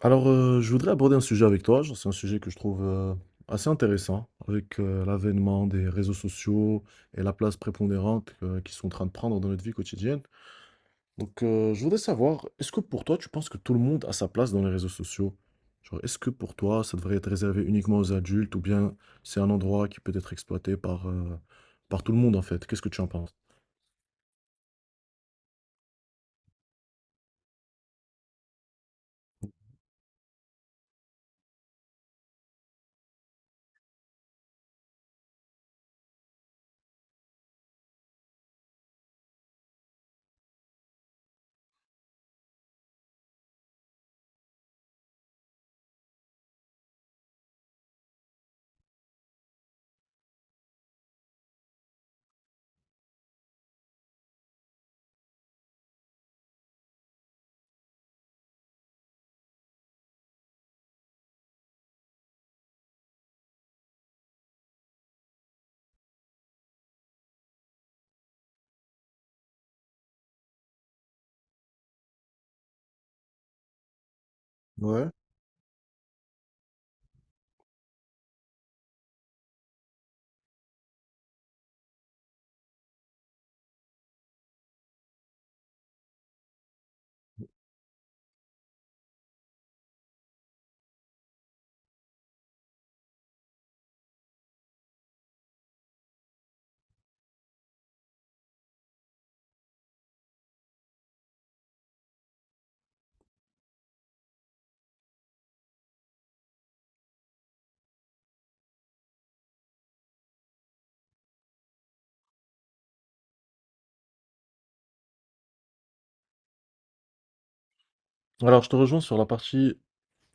Je voudrais aborder un sujet avec toi. Genre, c'est un sujet que je trouve assez intéressant avec l'avènement des réseaux sociaux et la place prépondérante qu'ils sont en train de prendre dans notre vie quotidienne. Je voudrais savoir, est-ce que pour toi, tu penses que tout le monde a sa place dans les réseaux sociaux? Genre, est-ce que pour toi, ça devrait être réservé uniquement aux adultes ou bien c'est un endroit qui peut être exploité par par tout le monde en fait? Qu'est-ce que tu en penses? Ouais. Alors, je te rejoins sur la partie,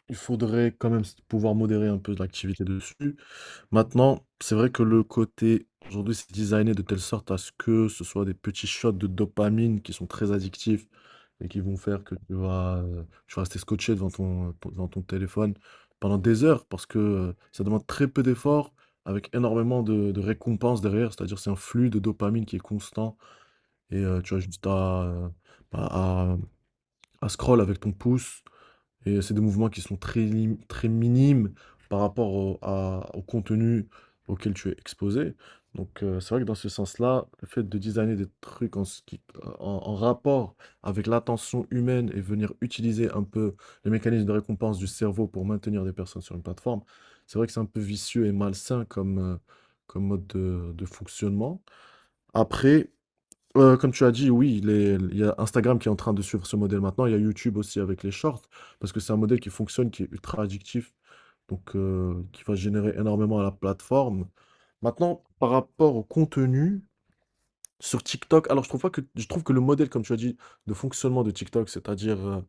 il faudrait quand même pouvoir modérer un peu l'activité dessus. Maintenant, c'est vrai que le côté, aujourd'hui, c'est designé de telle sorte à ce que ce soit des petits shots de dopamine qui sont très addictifs et qui vont faire que tu vas rester scotché devant devant ton téléphone pendant des heures parce que ça demande très peu d'efforts avec énormément de récompenses derrière. C'est-à-dire, c'est un flux de dopamine qui est constant tu as juste bah, à, à scroll avec ton pouce et c'est des mouvements qui sont très minimes par rapport au contenu auquel tu es exposé. C'est vrai que dans ce sens-là, le fait de designer des trucs en, ce qui- en- en rapport avec l'attention humaine et venir utiliser un peu les mécanismes de récompense du cerveau pour maintenir des personnes sur une plateforme, c'est vrai que c'est un peu vicieux et malsain comme mode de fonctionnement. Après, Comme tu as dit, oui, il y a Instagram qui est en train de suivre ce modèle maintenant. Il y a YouTube aussi avec les shorts, parce que c'est un modèle qui fonctionne, qui est ultra addictif, qui va générer énormément à la plateforme. Maintenant, par rapport au contenu sur TikTok, alors je trouve pas que je trouve que le modèle, comme tu as dit, de fonctionnement de TikTok, c'est-à-dire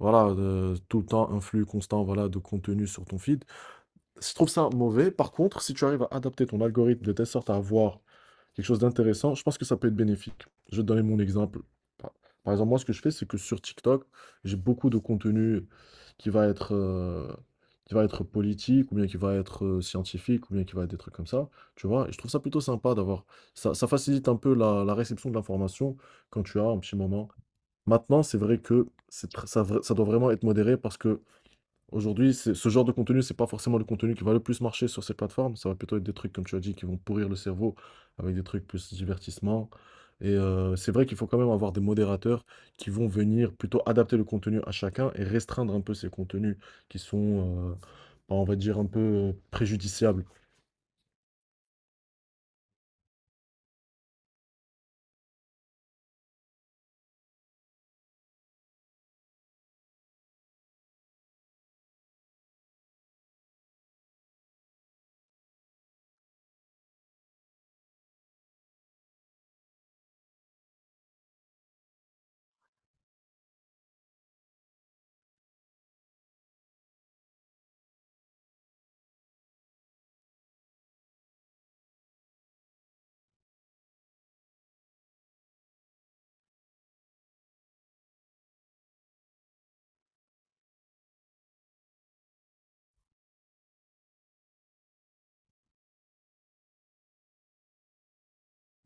voilà, tout le temps un flux constant, voilà, de contenu sur ton feed. Je trouve ça mauvais. Par contre, si tu arrives à adapter ton algorithme de telle sorte à avoir quelque chose d'intéressant, je pense que ça peut être bénéfique. Je vais te donner mon exemple. Par par exemple, moi, ce que je fais, c'est que sur TikTok, j'ai beaucoup de contenu qui va être, euh, qui va être politique, ou bien qui va être scientifique, ou bien qui va être des trucs comme ça. Tu vois, et je trouve ça plutôt sympa d'avoir. Ça facilite un peu la réception de l'information quand tu as un petit moment. Maintenant, c'est vrai que c'est tr- ça, vra- ça doit vraiment être modéré parce que Aujourd'hui, c'est ce genre de contenu, c'est pas forcément le contenu qui va le plus marcher sur ces plateformes. Ça va plutôt être des trucs, comme tu as dit, qui vont pourrir le cerveau avec des trucs plus divertissement. C'est vrai qu'il faut quand même avoir des modérateurs qui vont venir plutôt adapter le contenu à chacun et restreindre un peu ces contenus qui sont, euh, on va dire, un peu préjudiciables.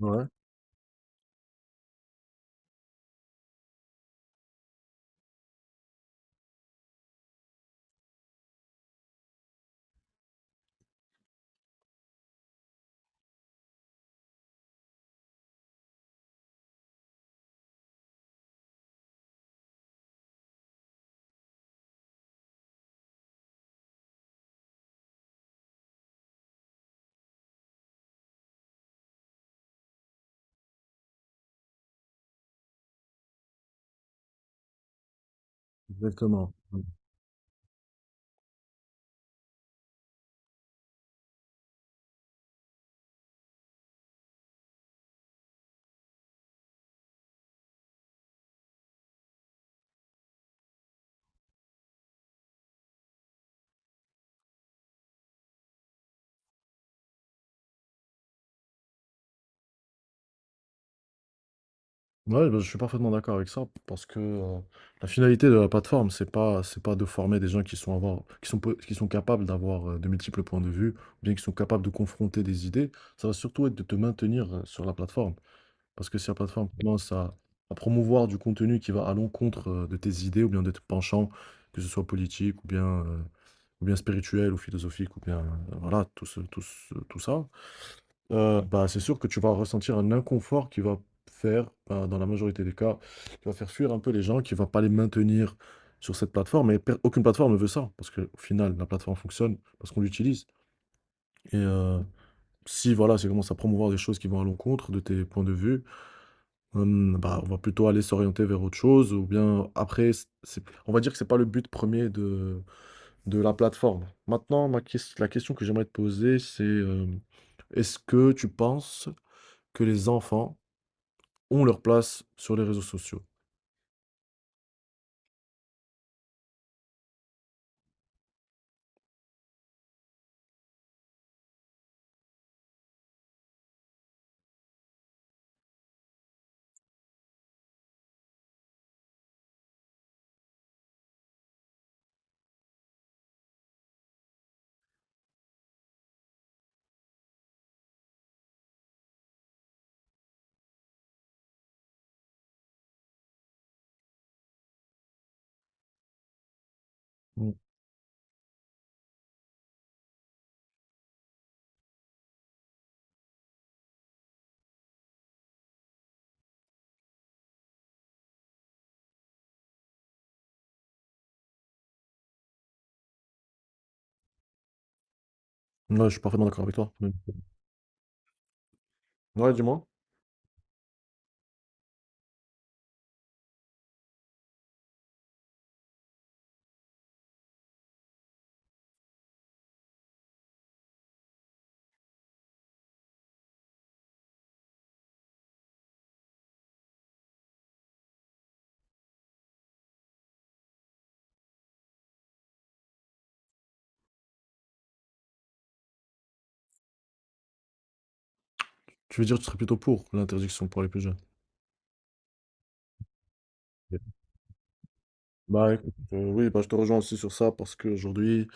Ouais, exactement. Ouais, bah, je suis parfaitement d'accord avec ça, parce que la finalité de la plateforme, c'est pas de former des gens qui sont, avoir, qui sont, peu- qui sont capables d'avoir de multiples points de vue, ou bien qui sont capables de confronter des idées. Ça va surtout être de te maintenir sur la plateforme. Parce que si la plateforme à promouvoir du contenu qui va à l'encontre de tes idées, ou bien de tes penchants, que ce soit politique, ou bien spirituel, ou philosophique, ou bien voilà, tout ça, bah, c'est sûr que tu vas ressentir un inconfort qui va faire, bah, dans la majorité des cas, qui va faire fuir un peu les gens, qui va pas les maintenir sur cette plateforme. Et aucune plateforme ne veut ça, parce qu'au final, la plateforme fonctionne parce qu'on l'utilise. Et euh, Si voilà, ça commence à promouvoir des choses qui vont à l'encontre de tes points de vue, bah, on va plutôt aller s'orienter vers autre chose, ou bien après, on va dire que c'est pas le but premier de la plateforme. Maintenant, la question que j'aimerais te poser, c'est est-ce que tu penses que les enfants ont leur place sur les réseaux sociaux. Mmh. Ouais, je suis parfaitement d'accord avec toi. Mmh. Ouais, dis-moi? Tu veux dire que tu serais plutôt pour l'interdiction pour les plus jeunes? Yeah. Bah écoute, oui, bah, je te rejoins aussi sur ça parce qu'aujourd'hui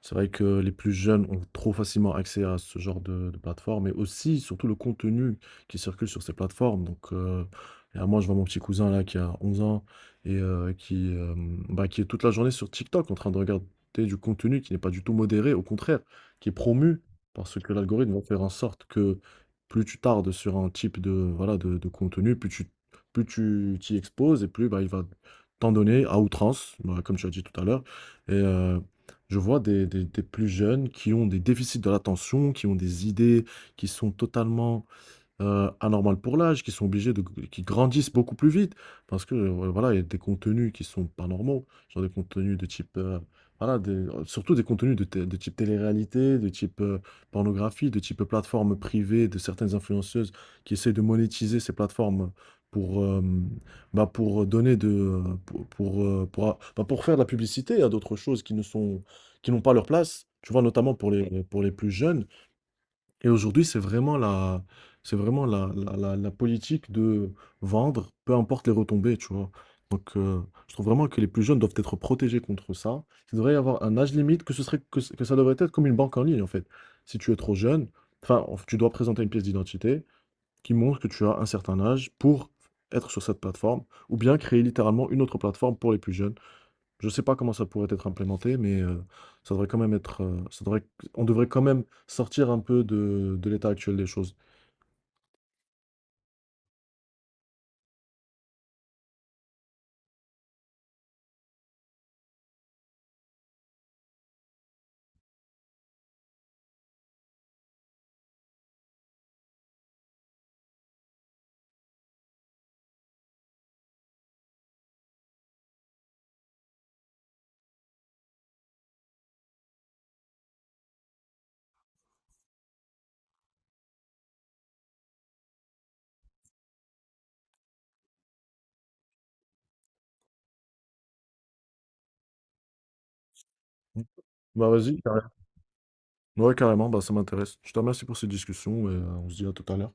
c'est vrai que les plus jeunes ont trop facilement accès à ce genre de plateforme mais aussi, surtout, le contenu qui circule sur ces plateformes. Là, moi, je vois mon petit cousin là qui a 11 ans et euh, qui, euh, qui est toute la journée sur TikTok en train de regarder du contenu qui n'est pas du tout modéré, au contraire, qui est promu parce que l'algorithme va faire en sorte que plus tu tardes sur un type de contenu, plus tu t'y exposes et plus bah, il va t'en donner à outrance, bah, comme tu as dit tout à l'heure. Et, euh, je vois des plus jeunes qui ont des déficits de l'attention, qui ont des idées qui sont totalement anormal pour l'âge, qui sont obligés de, qui grandissent beaucoup plus vite, parce que voilà, il y a des contenus qui sont pas normaux, genre des contenus de type, voilà, des- surtout des contenus de type télé-réalité, de type pornographie, de type plateforme privée de certaines influenceuses qui essaient de monétiser ces plateformes pour, bah, pour donner de, pour bah, pour faire de la publicité à d'autres choses qui ne sont, qui n'ont pas leur place. Tu vois, notamment pour pour les plus jeunes, et aujourd'hui, c'est vraiment la politique de vendre, peu importe les retombées, tu vois. Donc, euh, je trouve vraiment que les plus jeunes doivent être protégés contre ça. Il devrait y avoir un âge limite, que ce serait, que, ce- que ça devrait être comme une banque en ligne, en fait. Si tu es trop jeune, tu dois présenter une pièce d'identité qui montre que tu as un certain âge pour être sur cette plateforme, ou bien créer littéralement une autre plateforme pour les plus jeunes. Je sais pas comment ça pourrait être implémenté, ça devrait quand même être, ça devrait on devrait quand même sortir un peu de l'état actuel des choses. Bah, vas-y, carrément. Ouais, carrément, bah, ça m'intéresse. Je te remercie pour cette discussion et on se dit à tout à l'heure.